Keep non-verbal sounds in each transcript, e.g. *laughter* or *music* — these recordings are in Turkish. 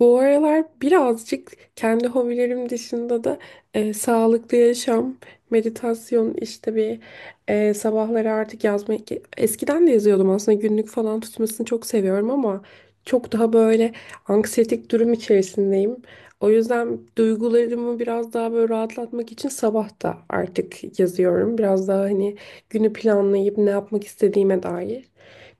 Bu aralar birazcık kendi hobilerim dışında da, sağlıklı yaşam, meditasyon, işte bir, sabahları artık yazmayı, eskiden de yazıyordum aslında. Günlük falan tutmasını çok seviyorum ama çok daha böyle anksiyetik durum içerisindeyim. O yüzden duygularımı biraz daha böyle rahatlatmak için sabah da artık yazıyorum. Biraz daha, hani, günü planlayıp ne yapmak istediğime dair.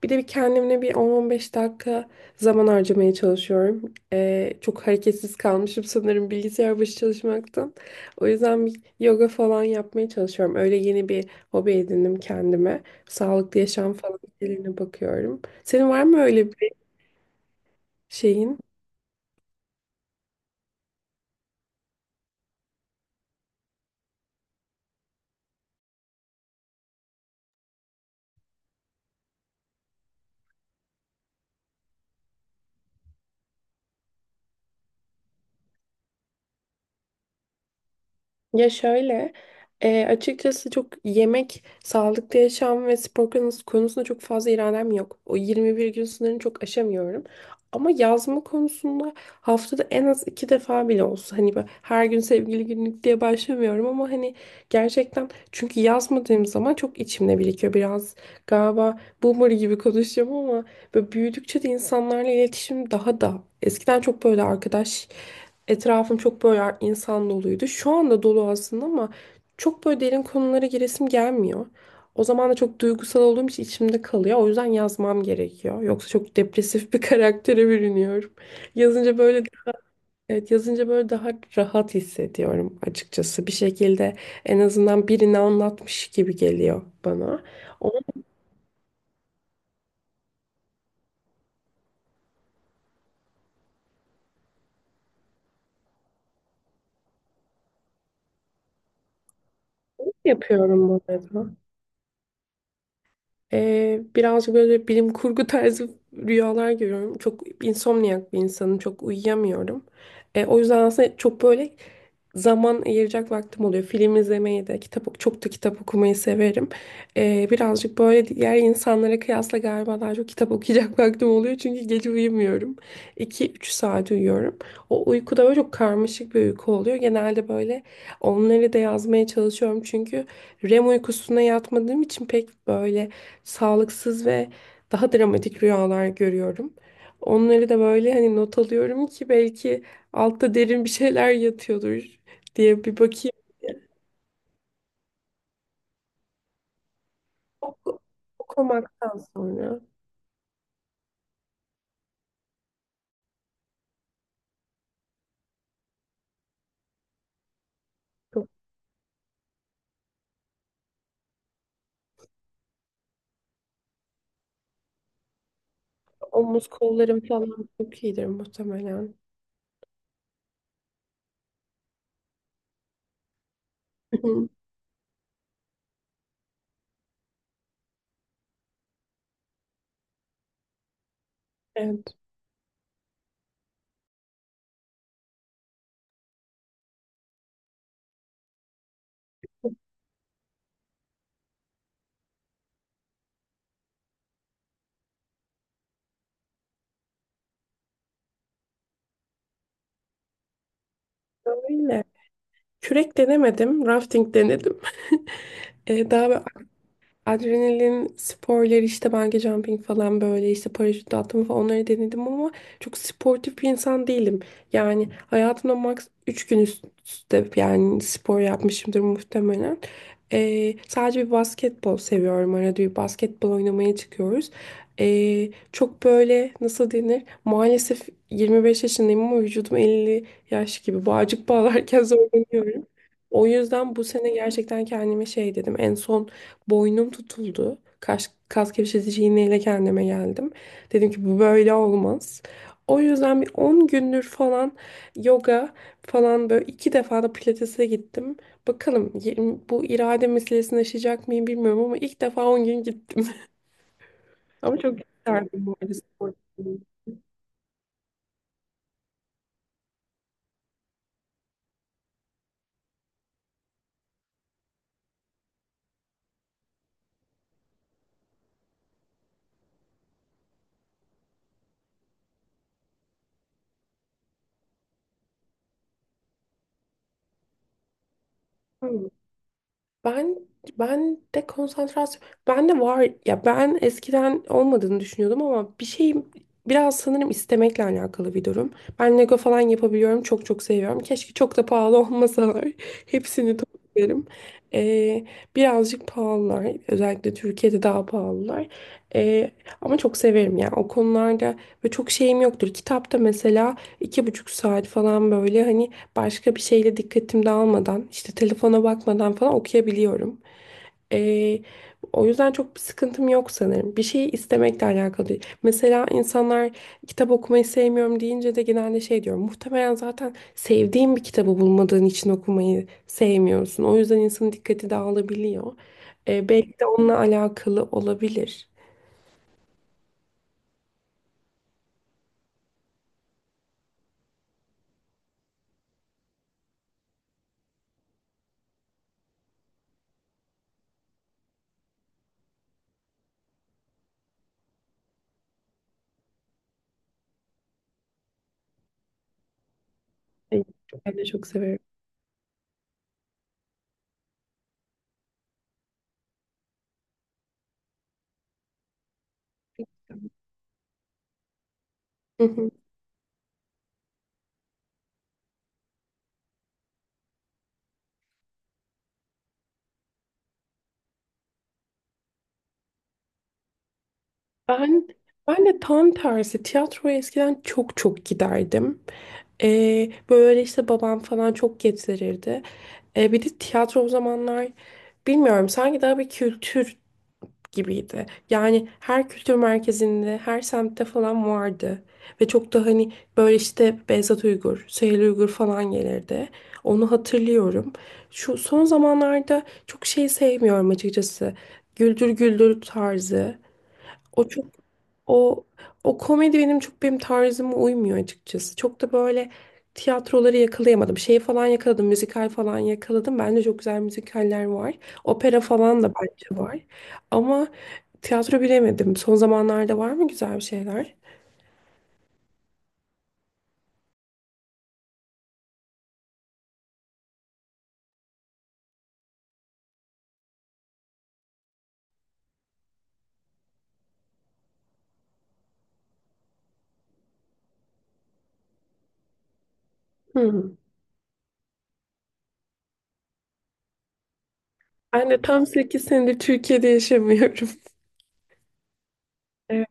Bir de bir kendimle bir 10-15 dakika zaman harcamaya çalışıyorum. Çok hareketsiz kalmışım sanırım bilgisayar başı çalışmaktan. O yüzden bir yoga falan yapmaya çalışıyorum. Öyle yeni bir hobi edindim kendime. Sağlıklı yaşam falan şeylerine bakıyorum. Senin var mı öyle bir şeyin? Ya şöyle, açıkçası çok yemek, sağlıklı yaşam ve spor konusunda çok fazla iradem yok. O 21 gün sınırını çok aşamıyorum. Ama yazma konusunda haftada en az iki defa bile olsa, hani ben her gün sevgili günlük diye başlamıyorum ama hani gerçekten, çünkü yazmadığım zaman çok içimde birikiyor biraz. Galiba boomer gibi konuşacağım ama böyle büyüdükçe de insanlarla iletişim daha da eskiden çok böyle arkadaş... Etrafım çok böyle insan doluydu. Şu anda dolu aslında ama çok böyle derin konulara giresim gelmiyor. O zaman da çok duygusal olduğum için içimde kalıyor. O yüzden yazmam gerekiyor. Yoksa çok depresif bir *laughs* karaktere bürünüyorum. Yazınca böyle, evet, yazınca böyle daha rahat hissediyorum açıkçası. Bir şekilde en azından birini anlatmış gibi geliyor bana. Onu yapıyorum bu arada. Birazcık böyle bilim kurgu *laughs* tarzı rüyalar görüyorum. Çok insomniyak bir insanım. Çok uyuyamıyorum. O yüzden aslında çok böyle zaman ayıracak vaktim oluyor. Film izlemeyi de, kitap, çok da kitap okumayı severim. Birazcık böyle diğer insanlara kıyasla galiba daha çok kitap okuyacak *laughs* vaktim oluyor. Çünkü gece uyumuyorum. 2-3 saat uyuyorum. O uykuda böyle çok karmaşık bir uyku oluyor. Genelde böyle onları da yazmaya çalışıyorum. Çünkü REM uykusuna yatmadığım için pek böyle sağlıksız ve daha dramatik rüyalar görüyorum. Onları da böyle, hani, not alıyorum ki belki altta derin bir şeyler yatıyordur diye bir bakayım. Oku- Okumaktan sonra çok omuz kollarım falan çok iyidir muhtemelen. *laughs* Evet. Öyle. Kürek denemedim, rafting denedim. *laughs* Daha böyle adrenalin sporları, işte bungee jumping falan, böyle işte paraşüt atlama falan, onları denedim ama çok sportif bir insan değilim. Yani hayatımda max 3 gün üst üste yani spor yapmışımdır muhtemelen. Sadece bir basketbol seviyorum. Arada bir basketbol oynamaya çıkıyoruz. Çok böyle nasıl denir? Maalesef 25 yaşındayım ama vücudum 50 yaş gibi. Bağcık bağlarken *laughs* zorlanıyorum. O yüzden bu sene gerçekten kendime şey dedim. En son boynum tutuldu. Kas gevşetici iğneyle kendime geldim. Dedim ki bu böyle olmaz. O yüzden bir 10 gündür falan yoga falan, böyle iki defa da pilatese gittim. Bakalım, bu irade meselesini aşacak mıyım bilmiyorum ama ilk defa 10 gün gittim. *laughs* Ama çok isterdim bu arada spor. Ben ben de konsantrasyon, ben de var ya, ben eskiden olmadığını düşünüyordum ama bir şey, biraz sanırım istemekle alakalı bir durum. Ben Lego falan yapabiliyorum. Çok çok seviyorum. Keşke çok da pahalı olmasalar. *laughs* Hepsini toplarım. Ee, birazcık pahalılar. Özellikle Türkiye'de daha pahalılar. Ee, ama çok severim yani o konularda, ve çok şeyim yoktur. Kitapta mesela 2,5 saat falan böyle, hani, başka bir şeyle dikkatim dağılmadan, işte telefona bakmadan falan okuyabiliyorum. Ee, o yüzden çok bir sıkıntım yok sanırım. Bir şeyi istemekle alakalı değil. Mesela insanlar kitap okumayı sevmiyorum deyince de genelde şey diyorum. Muhtemelen zaten sevdiğin bir kitabı bulmadığın için okumayı sevmiyorsun. O yüzden insanın dikkati dağılabiliyor. Belki de onunla alakalı olabilir. Ee, Ben de çok severim. Hı hı. Ben ben de tam tersi, tiyatroya eskiden çok çok giderdim. Böyle işte babam falan çok getirirdi. Bir de tiyatro o zamanlar, bilmiyorum, sanki daha bir kültür gibiydi. Yani her kültür merkezinde, her semtte falan vardı. Ve çok da, hani, böyle işte Behzat Uygur, Süheyl Uygur falan gelirdi. Onu hatırlıyorum. Şu son zamanlarda çok şey sevmiyorum açıkçası. Güldür Güldür tarzı. O çok o o komedi benim çok benim tarzıma uymuyor açıkçası. Çok da böyle tiyatroları yakalayamadım. Şeyi falan yakaladım, müzikal falan yakaladım. Bence çok güzel müzikaller var. Opera falan da bence var. Ama tiyatro bilemedim. Son zamanlarda var mı güzel bir şeyler? Hmm. Ben de tam 8 senedir Türkiye'de yaşamıyorum. *laughs* Evet,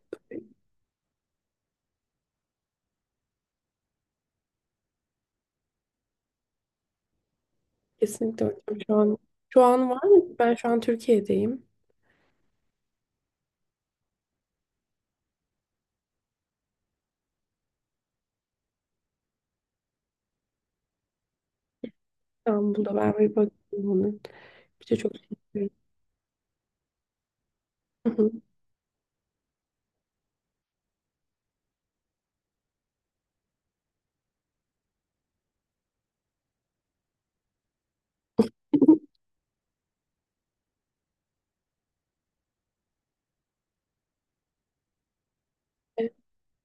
kesinlikle hocam. Şu an var mı? Ben şu an Türkiye'deyim. İstanbul'da ben bir bakayım onun. Bir de çok şey yapıyorum.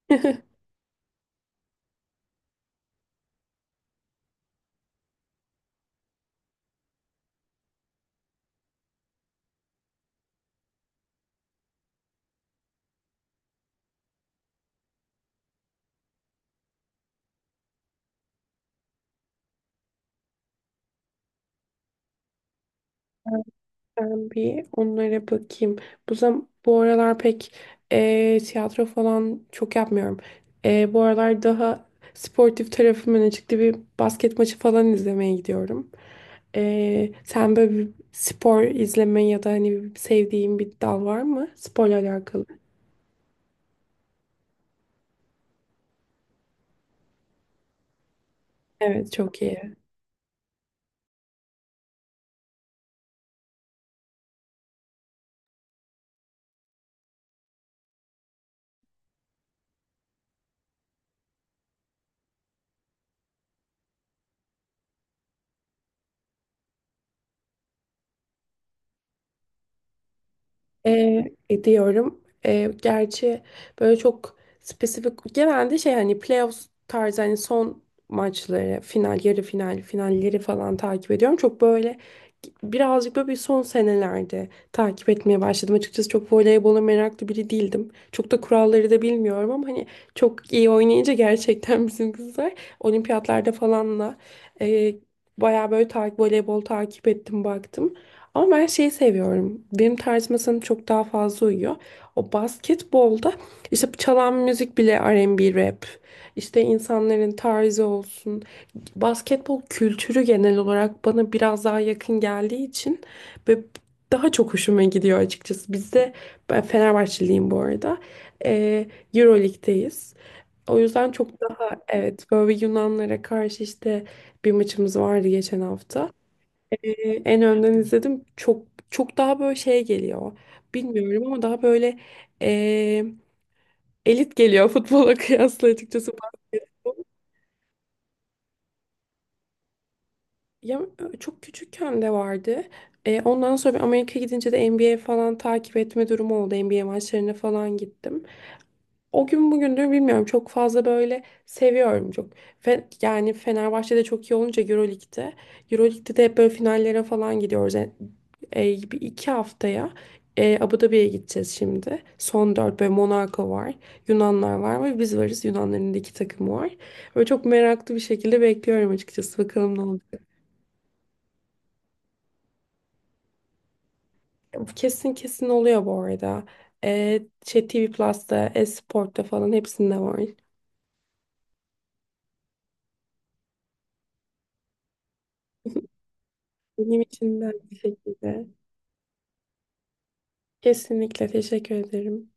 *laughs* Ben bir onlara bakayım. Bu aralar pek, tiyatro falan çok yapmıyorum. Bu aralar daha sportif tarafım öne çıktı. Bir basket maçı falan izlemeye gidiyorum. Sen böyle bir spor izleme ya da hani sevdiğin bir dal var mı, sporla alakalı? Evet, çok iyi. E, ediyorum. Gerçi böyle çok spesifik, genelde şey, hani playoffs tarzı, hani son maçları, final, yarı final, finalleri falan takip ediyorum. Çok böyle birazcık böyle bir son senelerde takip etmeye başladım. Açıkçası çok voleybola meraklı biri değildim. Çok da kuralları da bilmiyorum ama hani çok iyi oynayınca gerçekten *laughs* bizim kızlar olimpiyatlarda falanla, e, bayağı böyle takip, voleybol takip ettim baktım. Ama ben şeyi seviyorum. Benim tarzıma sanırım çok daha fazla uyuyor. O basketbolda işte çalan müzik bile R&B rap. İşte insanların tarzı olsun. Basketbol kültürü genel olarak bana biraz daha yakın geldiği için, ve daha çok hoşuma gidiyor açıkçası. Bizde ben Fenerbahçeliyim bu arada. Ee, Euroleague'deyiz. O yüzden çok daha, evet, böyle Yunanlara karşı işte bir maçımız vardı geçen hafta. Ee, en önden izledim. Çok çok daha böyle şey geliyor. Bilmiyorum ama daha böyle, ee, elit geliyor futbola *laughs* kıyasla açıkçası. Basketbol. Ya çok küçükken de vardı. Ondan sonra bir Amerika'ya gidince de NBA falan takip etme durumu oldu. NBA maçlarına falan gittim. O gün bugündür bilmiyorum, çok fazla böyle seviyorum çok. Yani Fenerbahçe'de çok iyi olunca Euroleague'de. Euroleague'de de hep böyle finallere falan gidiyoruz. E, bir iki haftaya Abu Dhabi'ye gideceğiz şimdi. Son dört, böyle Monaco var, Yunanlar var ve biz varız. Yunanların da iki takımı var. Böyle çok meraklı bir şekilde bekliyorum açıkçası. Bakalım ne olacak. Kesin kesin oluyor bu arada. Şey TV Plus'ta, e-Sport'ta falan hepsinde var. *laughs* Benim için de aynı şekilde. Kesinlikle teşekkür ederim.